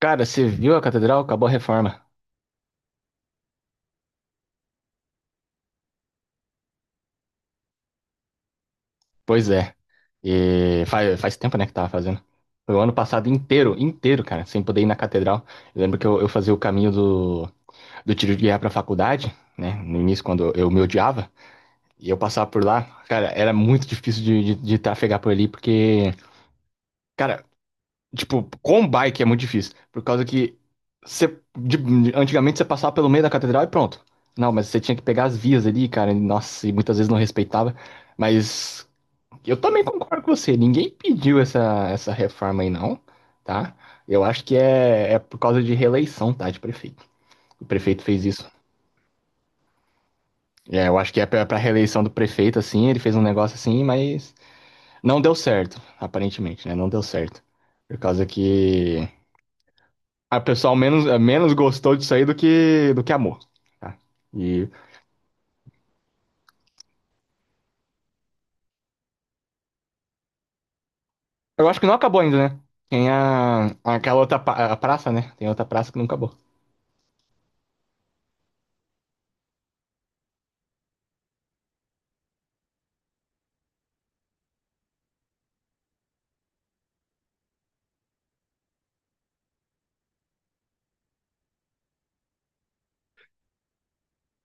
Cara, você viu a catedral? Acabou a reforma. Pois é. E faz tempo, né, que tava fazendo. Foi o ano passado inteiro, inteiro, cara, sem poder ir na catedral. Eu lembro que eu fazia o caminho do, do tiro de guerra pra faculdade, né? No início, quando eu me odiava. E eu passava por lá. Cara, era muito difícil de trafegar por ali, porque... Cara, tipo, com um bike é muito difícil. Por causa que você, antigamente você passava pelo meio da catedral e pronto. Não, mas você tinha que pegar as vias ali, cara. Nossa, e muitas vezes não respeitava. Mas... Eu também concordo com você. Ninguém pediu essa reforma aí, não, tá? Eu acho que é por causa de reeleição, tá? De prefeito. O prefeito fez isso. É, eu acho que é pra reeleição do prefeito, assim. Ele fez um negócio assim, mas não deu certo, aparentemente, né? Não deu certo. Por causa que a pessoa menos, menos gostou disso aí do que amou, tá? E eu acho que não acabou ainda, né? Tem a, aquela outra a praça, né? Tem outra praça que não acabou.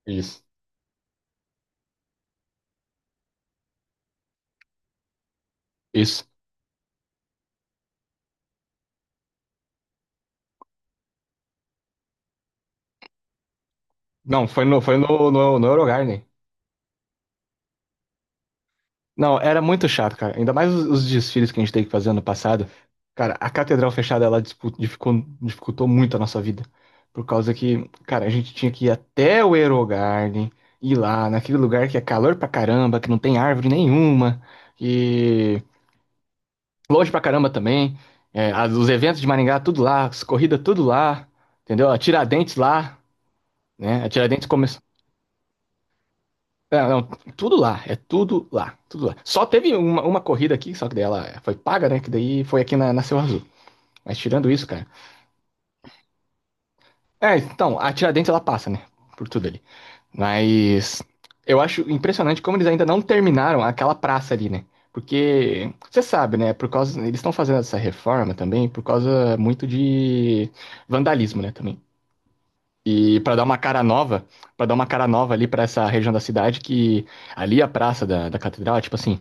Isso. Isso. Não, foi no, foi no Eurogarden. Não, era muito chato, cara. Ainda mais os desfiles que a gente teve que fazer ano passado. Cara, a catedral fechada, ela dificultou muito a nossa vida. Por causa que, cara, a gente tinha que ir até o Eurogarden, ir lá, naquele lugar que é calor pra caramba, que não tem árvore nenhuma, e longe pra caramba também. É, os eventos de Maringá, tudo lá, as corridas, tudo lá, entendeu? A Tiradentes lá, né? A Tiradentes. É, não, tudo lá, é tudo lá, tudo lá. Só teve uma corrida aqui, só que daí ela foi paga, né? Que daí foi aqui na, na Seu Azul. Mas tirando isso, cara. É, então, a Tiradentes ela passa, né? Por tudo ali. Mas eu acho impressionante como eles ainda não terminaram aquela praça ali, né? Porque você sabe, né? Por causa eles estão fazendo essa reforma também por causa muito de vandalismo, né? Também. E para dar uma cara nova, para dar uma cara nova ali para essa região da cidade, que ali a praça da, da catedral, é tipo assim,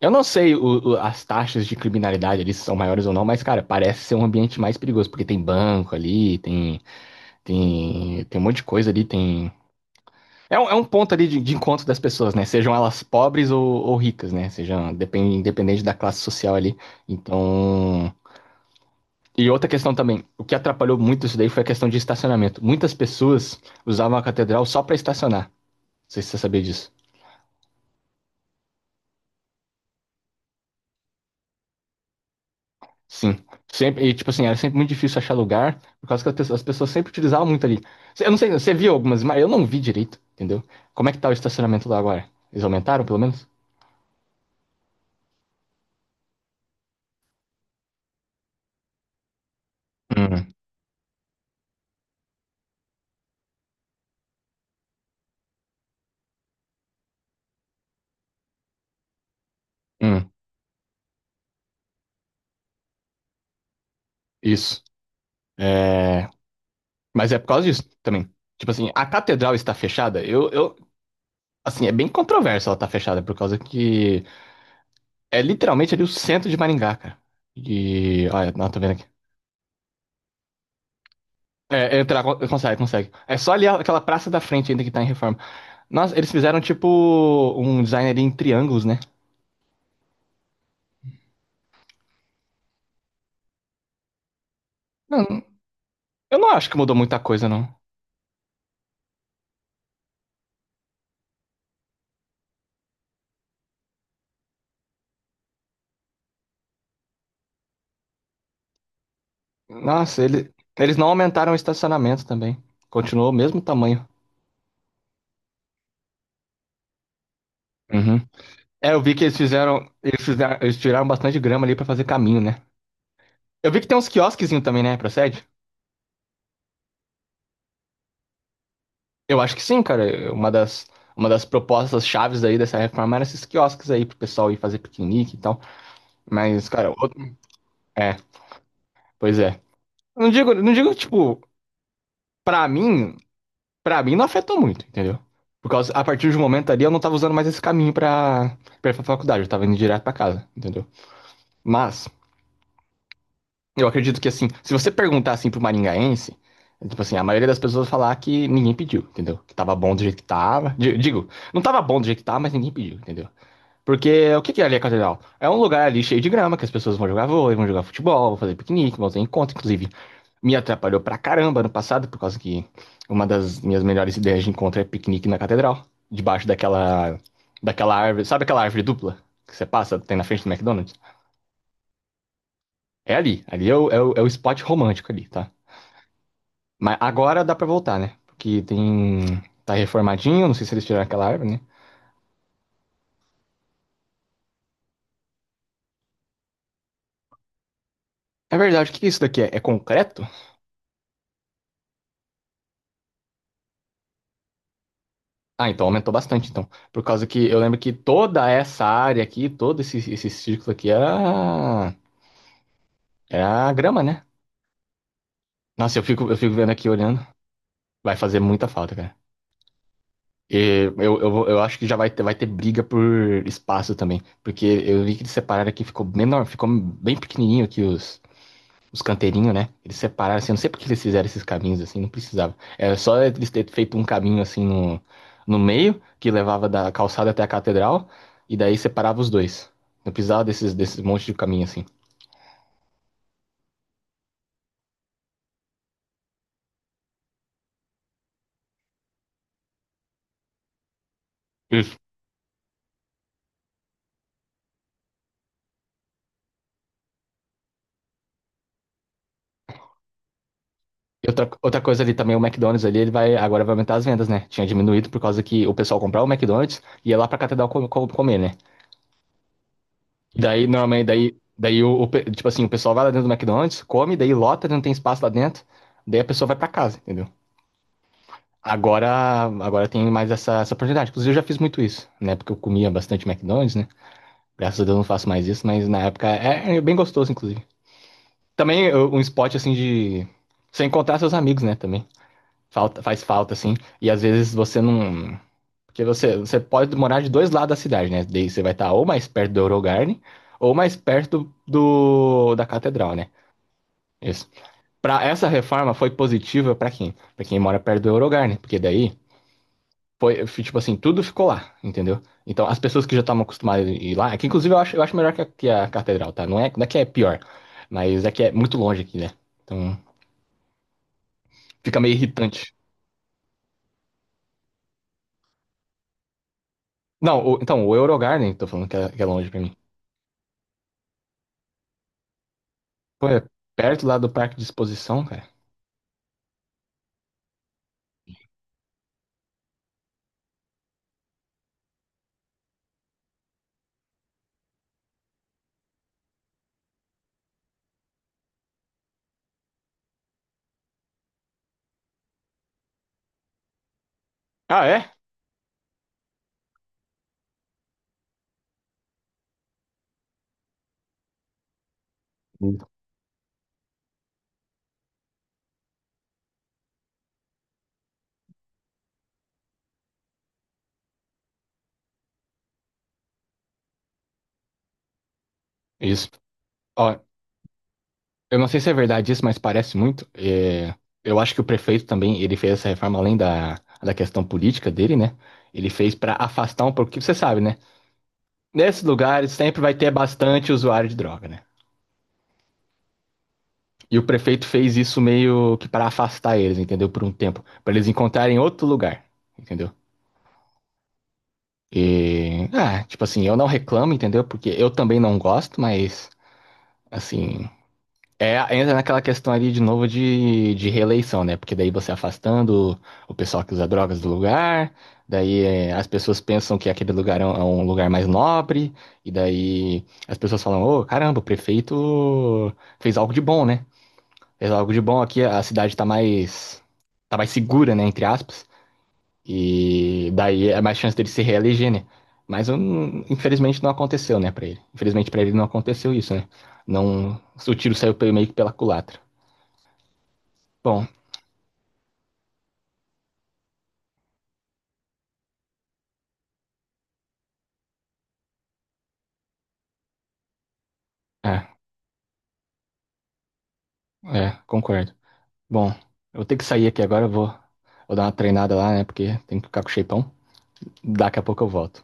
eu não sei as taxas de criminalidade ali se são maiores ou não, mas cara, parece ser um ambiente mais perigoso, porque tem banco ali, tem tem um monte de coisa ali, tem. É é um ponto ali de encontro das pessoas, né? Sejam elas pobres ou ricas, né? Sejam depende, independente da classe social ali. Então, e outra questão também, o que atrapalhou muito isso daí foi a questão de estacionamento. Muitas pessoas usavam a catedral só para estacionar. Não sei se você sabia disso. Sim. Sempre, e tipo assim, era sempre muito difícil achar lugar, por causa que as pessoas sempre utilizavam muito ali. Eu não sei, você viu algumas, mas eu não vi direito, entendeu? Como é que tá o estacionamento lá agora? Eles aumentaram, pelo menos? Hum, hum, isso. É... Mas é por causa disso também. Tipo assim, a catedral está fechada, assim, é bem controverso ela estar fechada, por causa que é literalmente ali o centro de Maringá, cara. E. Olha, não, tô vendo aqui. É, entrar, consegue, consegue. É só ali aquela praça da frente ainda que tá em reforma. Nossa, eles fizeram tipo um design ali em triângulos, né? Não, eu não acho que mudou muita coisa, não. Nossa, eles não aumentaram o estacionamento também. Continuou o mesmo tamanho. Uhum. É, eu vi que eles fizeram. Eles fizeram, eles tiraram bastante grama ali pra fazer caminho, né? Eu vi que tem uns quiosquezinhos também, né? Procede? Eu acho que sim, cara. Uma das propostas chaves aí dessa reforma era esses quiosques aí pro pessoal ir fazer piquenique e tal. Mas, cara, outro... é, pois é. Não digo, não digo, tipo, pra mim, pra mim não afetou muito, entendeu? Por causa, a partir de um momento ali eu não tava usando mais esse caminho pra, pra ir pra faculdade, eu tava indo direto pra casa, entendeu? Mas, eu acredito que assim, se você perguntar assim pro maringaense, é tipo assim, a maioria das pessoas vai falar que ninguém pediu, entendeu? Que tava bom do jeito que tava. Digo, não tava bom do jeito que tava, mas ninguém pediu, entendeu? Porque o que que é ali a catedral? É um lugar ali cheio de grama, que as pessoas vão jogar vôlei, vão jogar futebol, vão fazer piquenique, vão ter encontro, inclusive. Me atrapalhou pra caramba no passado, por causa que uma das minhas melhores ideias de encontro é piquenique na catedral, debaixo daquela, daquela árvore, sabe aquela árvore dupla que você passa, tem na frente do McDonald's? É ali, ali é é o spot romântico ali, tá? Mas agora dá pra voltar, né? Porque tem, tá reformadinho, não sei se eles tiraram aquela árvore, né? É verdade, o que que é isso daqui é? É concreto? Ah, então aumentou bastante, então. Por causa que eu lembro que toda essa área aqui, todo esse círculo aqui era, era grama, né? Nossa, eu fico vendo aqui olhando. Vai fazer muita falta, cara. E eu acho que já vai ter briga por espaço também. Porque eu vi que eles separaram aqui, ficou menor, ficou bem pequenininho aqui os canteirinhos, né? Eles separaram, assim, eu não sei porque eles fizeram esses caminhos assim, não precisava. Era só eles terem feito um caminho assim no, no meio, que levava da calçada até a catedral, e daí separava os dois. Não precisava desses, desses monte de caminho assim. Isso. E outra, outra coisa ali também, o McDonald's ali, ele vai, agora vai aumentar as vendas, né? Tinha diminuído por causa que o pessoal comprava o McDonald's e ia lá pra catedral comer, né? E daí, normalmente, daí tipo assim, o pessoal vai lá dentro do McDonald's, come, daí lota, não tem espaço lá dentro, daí a pessoa vai pra casa, entendeu? Agora, agora tem mais essa oportunidade. Inclusive, eu já fiz muito isso, né? Porque eu comia bastante McDonald's, né? Graças a Deus eu não faço mais isso, mas na época é bem gostoso, inclusive. Também um spot assim de você encontrar seus amigos, né? Também falta, faz falta assim. E às vezes você não, porque você pode morar de dois lados da cidade, né? Daí você vai estar ou mais perto do Eurogarden ou mais perto do da Catedral, né? Isso. Para essa reforma foi positiva para quem? Para quem mora perto do Eurogarden, porque daí foi, foi, tipo assim, tudo ficou lá, entendeu? Então, as pessoas que já estavam acostumadas a ir lá, que inclusive eu acho melhor que que a catedral, tá? Não é, não é que é pior, mas é que é muito longe aqui, né? Então, fica meio irritante. Não, então, o Eurogarden, tô falando que é longe pra mim. Pô, é perto lá do parque de exposição, cara. Ah, é? Isso. Ó, eu não sei se é verdade isso, mas parece muito. É, eu acho que o prefeito também, ele fez essa reforma além da, da questão política dele, né? Ele fez pra afastar um pouco, porque você sabe, né? Nesses lugares sempre vai ter bastante usuário de droga, né? E o prefeito fez isso meio que para afastar eles, entendeu? Por um tempo, para eles encontrarem outro lugar, entendeu? E, ah, tipo assim, eu não reclamo, entendeu? Porque eu também não gosto, mas assim, é, entra naquela questão ali de novo de reeleição, né? Porque daí você afastando o pessoal que usa drogas do lugar, daí é, as pessoas pensam que aquele lugar é um lugar mais nobre, e daí as pessoas falam, ô, caramba, o prefeito fez algo de bom, né? Fez algo de bom aqui, a cidade tá mais segura, né, entre aspas, e daí é mais chance dele se reeleger, né? Mas infelizmente não aconteceu, né, pra ele. Infelizmente pra ele não aconteceu isso, né? Não, o tiro saiu meio que pela culatra. Bom, é, é, concordo. Bom, eu vou ter que sair aqui agora, vou dar uma treinada lá, né? Porque tem que ficar com o shapeão. Daqui a pouco eu volto.